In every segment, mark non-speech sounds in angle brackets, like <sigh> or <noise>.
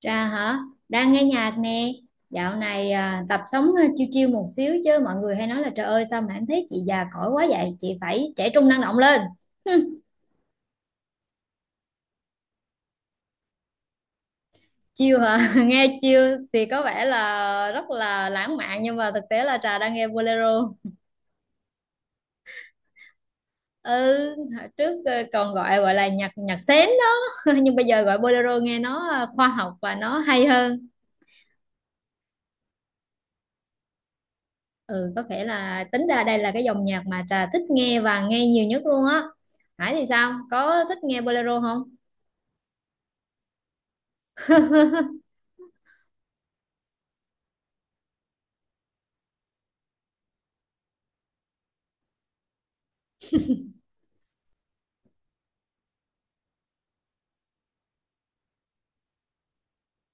Trà hả? Đang nghe nhạc nè. Dạo này à, tập sống à, chiêu chiêu một xíu chứ mọi người hay nói là trời ơi, sao mà em thấy chị già cỗi quá vậy? Chị phải trẻ trung năng động lên. Hừm, chiêu hả? <laughs> Nghe chiêu thì có vẻ là rất là lãng mạn nhưng mà thực tế là Trà đang nghe bolero. Ừ, hồi trước à, còn gọi gọi là nhạc nhạc sến đó. <laughs> Nhưng bây giờ gọi bolero nghe nó à, khoa học và nó hay hơn. Ừ, có thể là tính ra đây là cái dòng nhạc mà Trà thích nghe và nghe nhiều nhất luôn á. Hải thì sao, có thích nghe bolero không?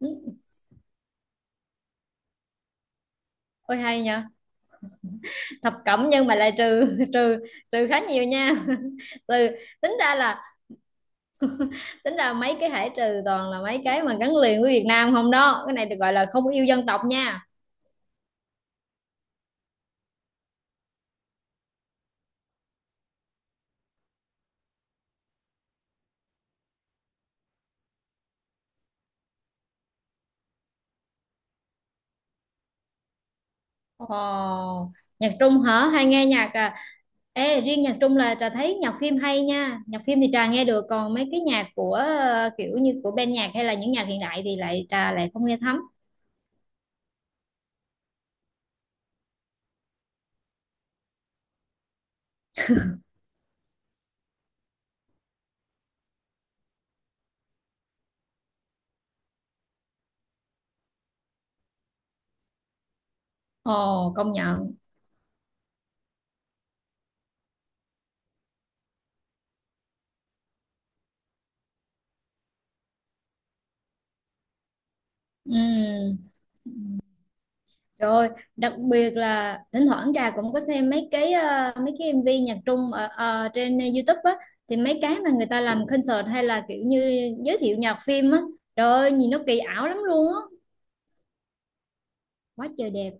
Ừ. Ôi hay nhờ. Thập cẩm nhưng mà lại trừ, <laughs> trừ trừ khá nhiều nha. <laughs> từ tính ra là tính ra mấy cái Hải trừ toàn là mấy cái mà gắn liền với Việt Nam không đó, cái này được gọi là không yêu dân tộc nha. Ồ, nhạc Trung hả? Hay nghe nhạc à? Ê, riêng nhạc Trung là Trà thấy nhạc phim hay nha. Nhạc phim thì Trà nghe được, còn mấy cái nhạc của kiểu như của ban nhạc hay là những nhạc hiện đại thì lại Trà lại không nghe thấm. Ồ, công nhận. Ừ. Rồi, đặc biệt là thỉnh thoảng Trà cũng có xem mấy cái mấy cái MV nhạc Trung ở ở trên YouTube á, thì mấy cái mà người ta làm concert hay là kiểu như giới thiệu nhạc phim á. Trời ơi, nhìn nó kỳ ảo lắm luôn á. Quá trời đẹp.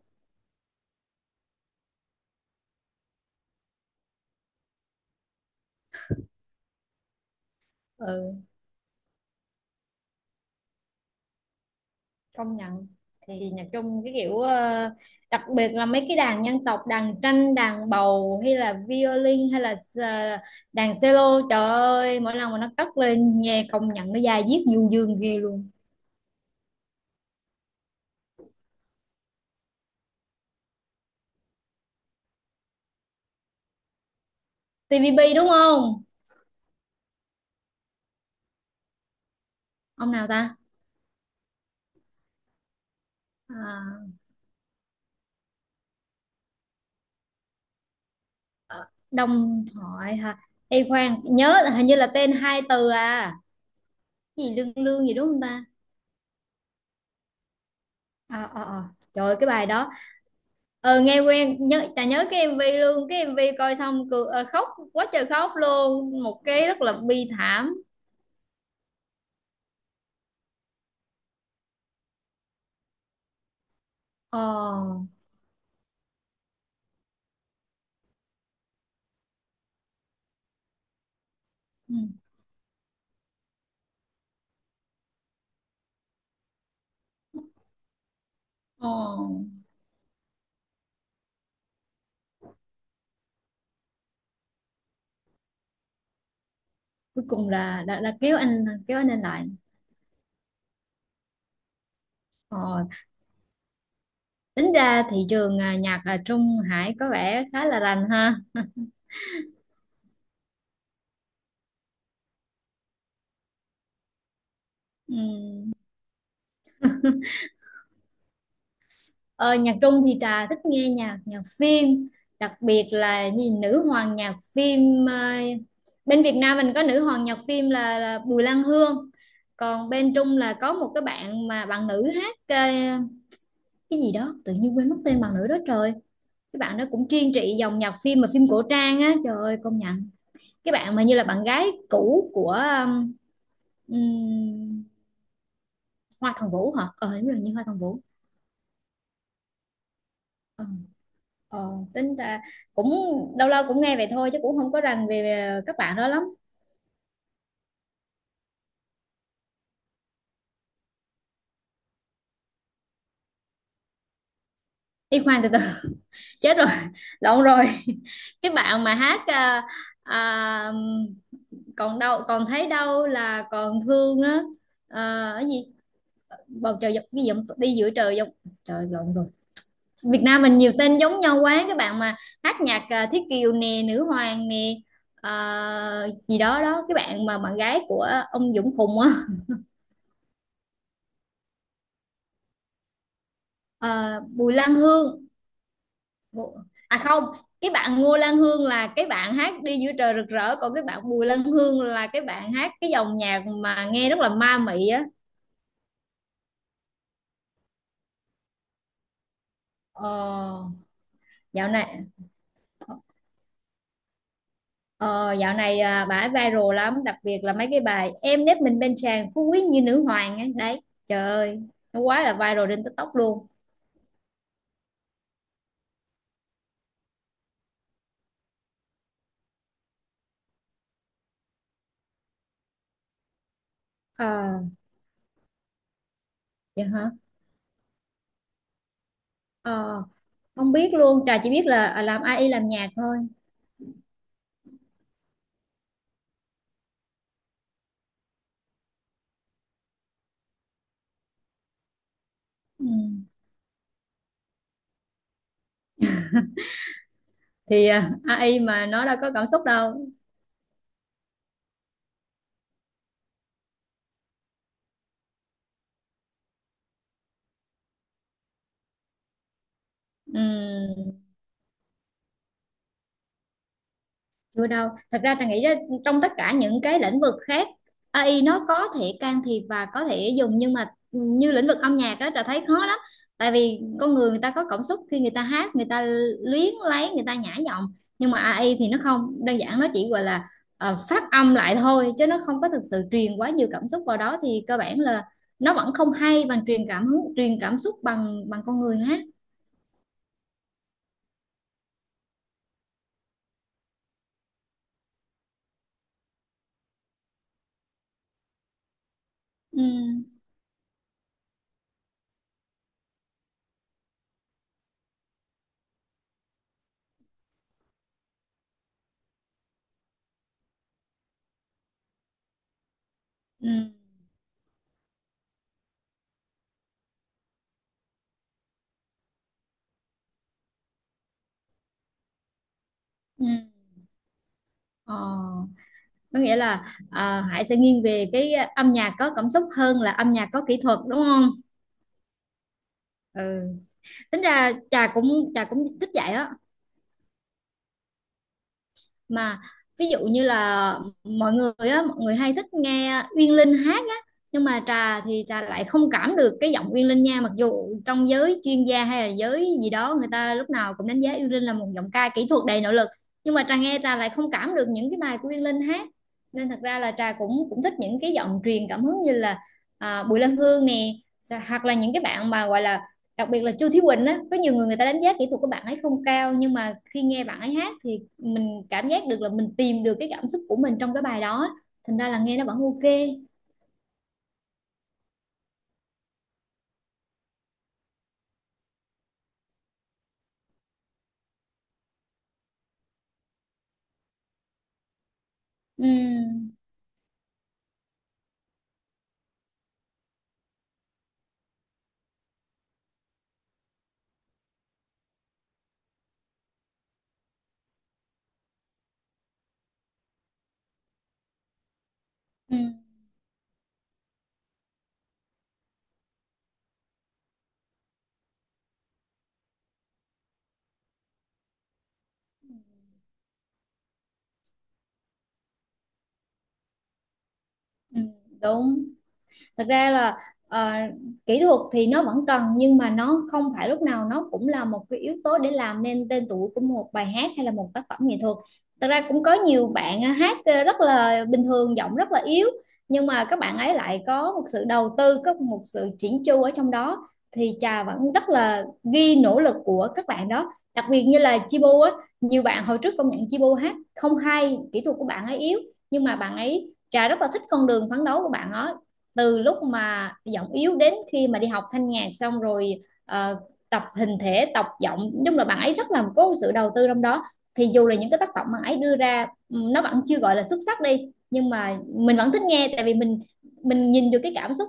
Ừ, công nhận. Thì nhạc Trung cái kiểu đặc biệt là mấy cái đàn dân tộc, đàn tranh, đàn bầu, hay là violin, hay là đàn cello, trời ơi mỗi lần mà nó cất lên nghe công nhận nó da diết du dương ghê luôn. TVB đúng không? Ông nào ta? À, ờ, Đông Thoại hả? Ê khoan, nhớ là hình như là tên hai từ à. Cái gì lương lương gì đúng không ta? À, à, à, trời ơi, cái bài đó. Ờ Nghe quen, nhớ chả nhớ, cái MV luôn, cái MV coi xong cười, khóc quá trời khóc luôn, một cái rất là bi thảm. ờ ừ, ờ cuối cùng là đã kéo anh lên lại. ờ Tính ra thị trường à, nhạc ở Trung Hải có vẻ khá là rành ha. Ừ. Ờ, nhạc Trung thì Trà thích nghe nhạc nhạc phim, đặc biệt là gì nữ hoàng nhạc phim. Ờ, Bên Việt Nam mình có nữ hoàng nhạc phim là Bùi Lan Hương, còn bên Trung là có một cái bạn mà bạn nữ hát cái gì đó tự nhiên quên mất tên bạn nữ đó, trời. Cái bạn đó cũng chuyên trị dòng nhạc phim mà phim cổ trang á, trời ơi công nhận. Cái bạn mà như là bạn gái cũ của um, Hoa Thần Vũ hả, hình như là như Hoa Thần Vũ. Ờ. Ờ, tính ra cũng lâu lâu cũng nghe vậy thôi chứ cũng không có rành về về các bạn đó lắm. Đi khoan từ từ, <laughs> chết rồi, lộn rồi. <laughs> Cái bạn mà hát à, à, còn đâu, còn thấy đâu là còn thương đó, à, cái gì bầu trời dọc, cái dòng đi giữa trời dọc, trời lộn rồi. Việt Nam mình nhiều tên giống nhau quá. Cái bạn mà hát nhạc à, Thiết Kiều nè, Nữ Hoàng nè, à, gì đó đó, cái bạn mà bạn gái của ông Dũng Phùng á. À, Bùi Lan Hương. Ngô- À không, cái bạn Ngô Lan Hương là cái bạn hát đi giữa trời rực rỡ, còn cái bạn Bùi Lan Hương là cái bạn hát cái dòng nhạc mà nghe rất là ma mị á. ờ, dạo này ờ, Dạo này à, bà ấy viral lắm, đặc biệt là mấy cái bài em nép mình bên chàng phú quý như nữ hoàng ấy. Đấy trời ơi, nó quá là viral trên TikTok luôn. ờ dạ hả? ờ Không biết luôn, Trà chỉ biết là à, làm AI làm nhạc thôi. Ừ. Thì à, AI mà nó đâu có cảm xúc đâu. Ừ. Chưa đâu, thật ra Trà nghĩ á, trong tất cả những cái lĩnh vực khác AI nó có thể can thiệp và có thể dùng nhưng mà như lĩnh vực âm nhạc đó Trà thấy khó lắm, tại vì con người, người ta có cảm xúc khi người ta hát, người ta luyến lấy, người ta nhả giọng, nhưng mà AI thì nó không đơn giản, nó chỉ gọi là phát âm lại thôi chứ nó không có thực sự truyền quá nhiều cảm xúc vào đó, thì cơ bản là nó vẫn không hay bằng truyền cảm hứng truyền cảm xúc bằng bằng con người hát. Ừ, ừ, ừ. Ờ, có nghĩa là à, Hải sẽ nghiêng về cái âm nhạc có cảm xúc hơn là âm nhạc có kỹ thuật đúng không? Ừ. Tính ra Trà cũng thích vậy á. Mà ví dụ như là mọi người hay thích nghe Uyên Linh hát á, nhưng mà Trà thì Trà lại không cảm được cái giọng Uyên Linh nha, mặc dù trong giới chuyên gia hay là giới gì đó người ta lúc nào cũng đánh giá Uyên Linh là một giọng ca kỹ thuật đầy nội lực, nhưng mà Trà nghe Trà lại không cảm được những cái bài của Uyên Linh hát. Nên thật ra là Trà cũng cũng thích những cái giọng truyền cảm hứng như là à, Bùi Lan Hương nè, hoặc là những cái bạn mà gọi là, đặc biệt là Chu Thí Quỳnh á, có nhiều người, người ta đánh giá kỹ thuật của bạn ấy không cao, nhưng mà khi nghe bạn ấy hát thì mình cảm giác được là mình tìm được cái cảm xúc của mình trong cái bài đó, thành ra là nghe nó vẫn ok. Ừ, ừ, ừ, đúng. Thật ra là ờ, kỹ thuật thì nó vẫn cần nhưng mà nó không phải lúc nào nó cũng là một cái yếu tố để làm nên tên tuổi của một bài hát hay là một tác phẩm nghệ thuật. Thật ra cũng có nhiều bạn hát rất là bình thường, giọng rất là yếu, nhưng mà các bạn ấy lại có một sự đầu tư, có một sự chỉn chu ở trong đó, thì Trà vẫn rất là ghi nỗ lực của các bạn đó, đặc biệt như là Chibu á. Nhiều bạn hồi trước công nhận Chibu hát không hay, kỹ thuật của bạn ấy yếu, nhưng mà bạn ấy, Trà rất là thích con đường phấn đấu của bạn đó, từ lúc mà giọng yếu đến khi mà đi học thanh nhạc xong rồi ờ, tập hình thể, tập giọng, nói chung là bạn ấy rất là có sự đầu tư trong đó, thì dù là những cái tác phẩm mà ấy đưa ra ừ, nó vẫn chưa gọi là xuất sắc đi nhưng mà mình vẫn thích nghe, tại vì mình nhìn được cái cảm xúc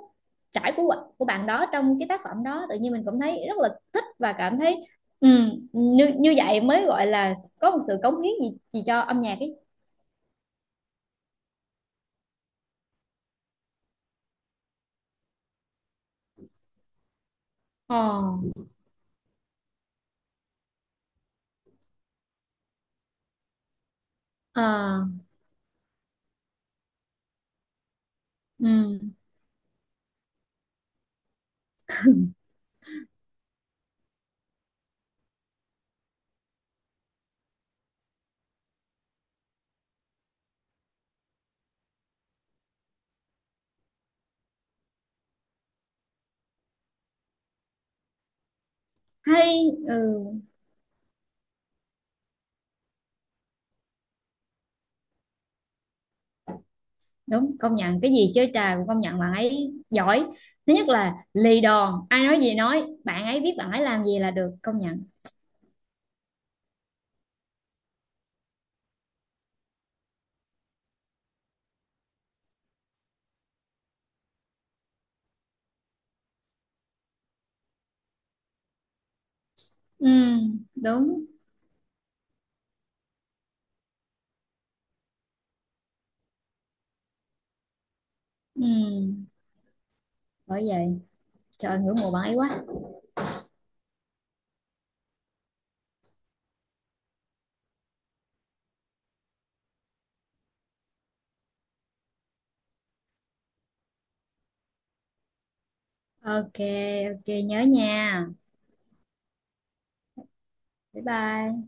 trải của bạn đó trong cái tác phẩm đó, tự nhiên mình cũng thấy rất là thích và cảm thấy, như như vậy mới gọi là có một sự cống hiến gì cho âm nhạc ấy. ờ ờ ừm, Hay. Ừ, đúng, công nhận. Cái gì chơi Trà cũng công nhận bạn ấy giỏi. Thứ nhất là lì đòn, ai nói gì nói, bạn ấy biết bạn ấy làm gì là được, công nhận. Ừ, đúng. Ừ, bởi vậy trời, ngưỡng mộ bạn ấy quá. Ok. Ok nhớ nha. Bye bye.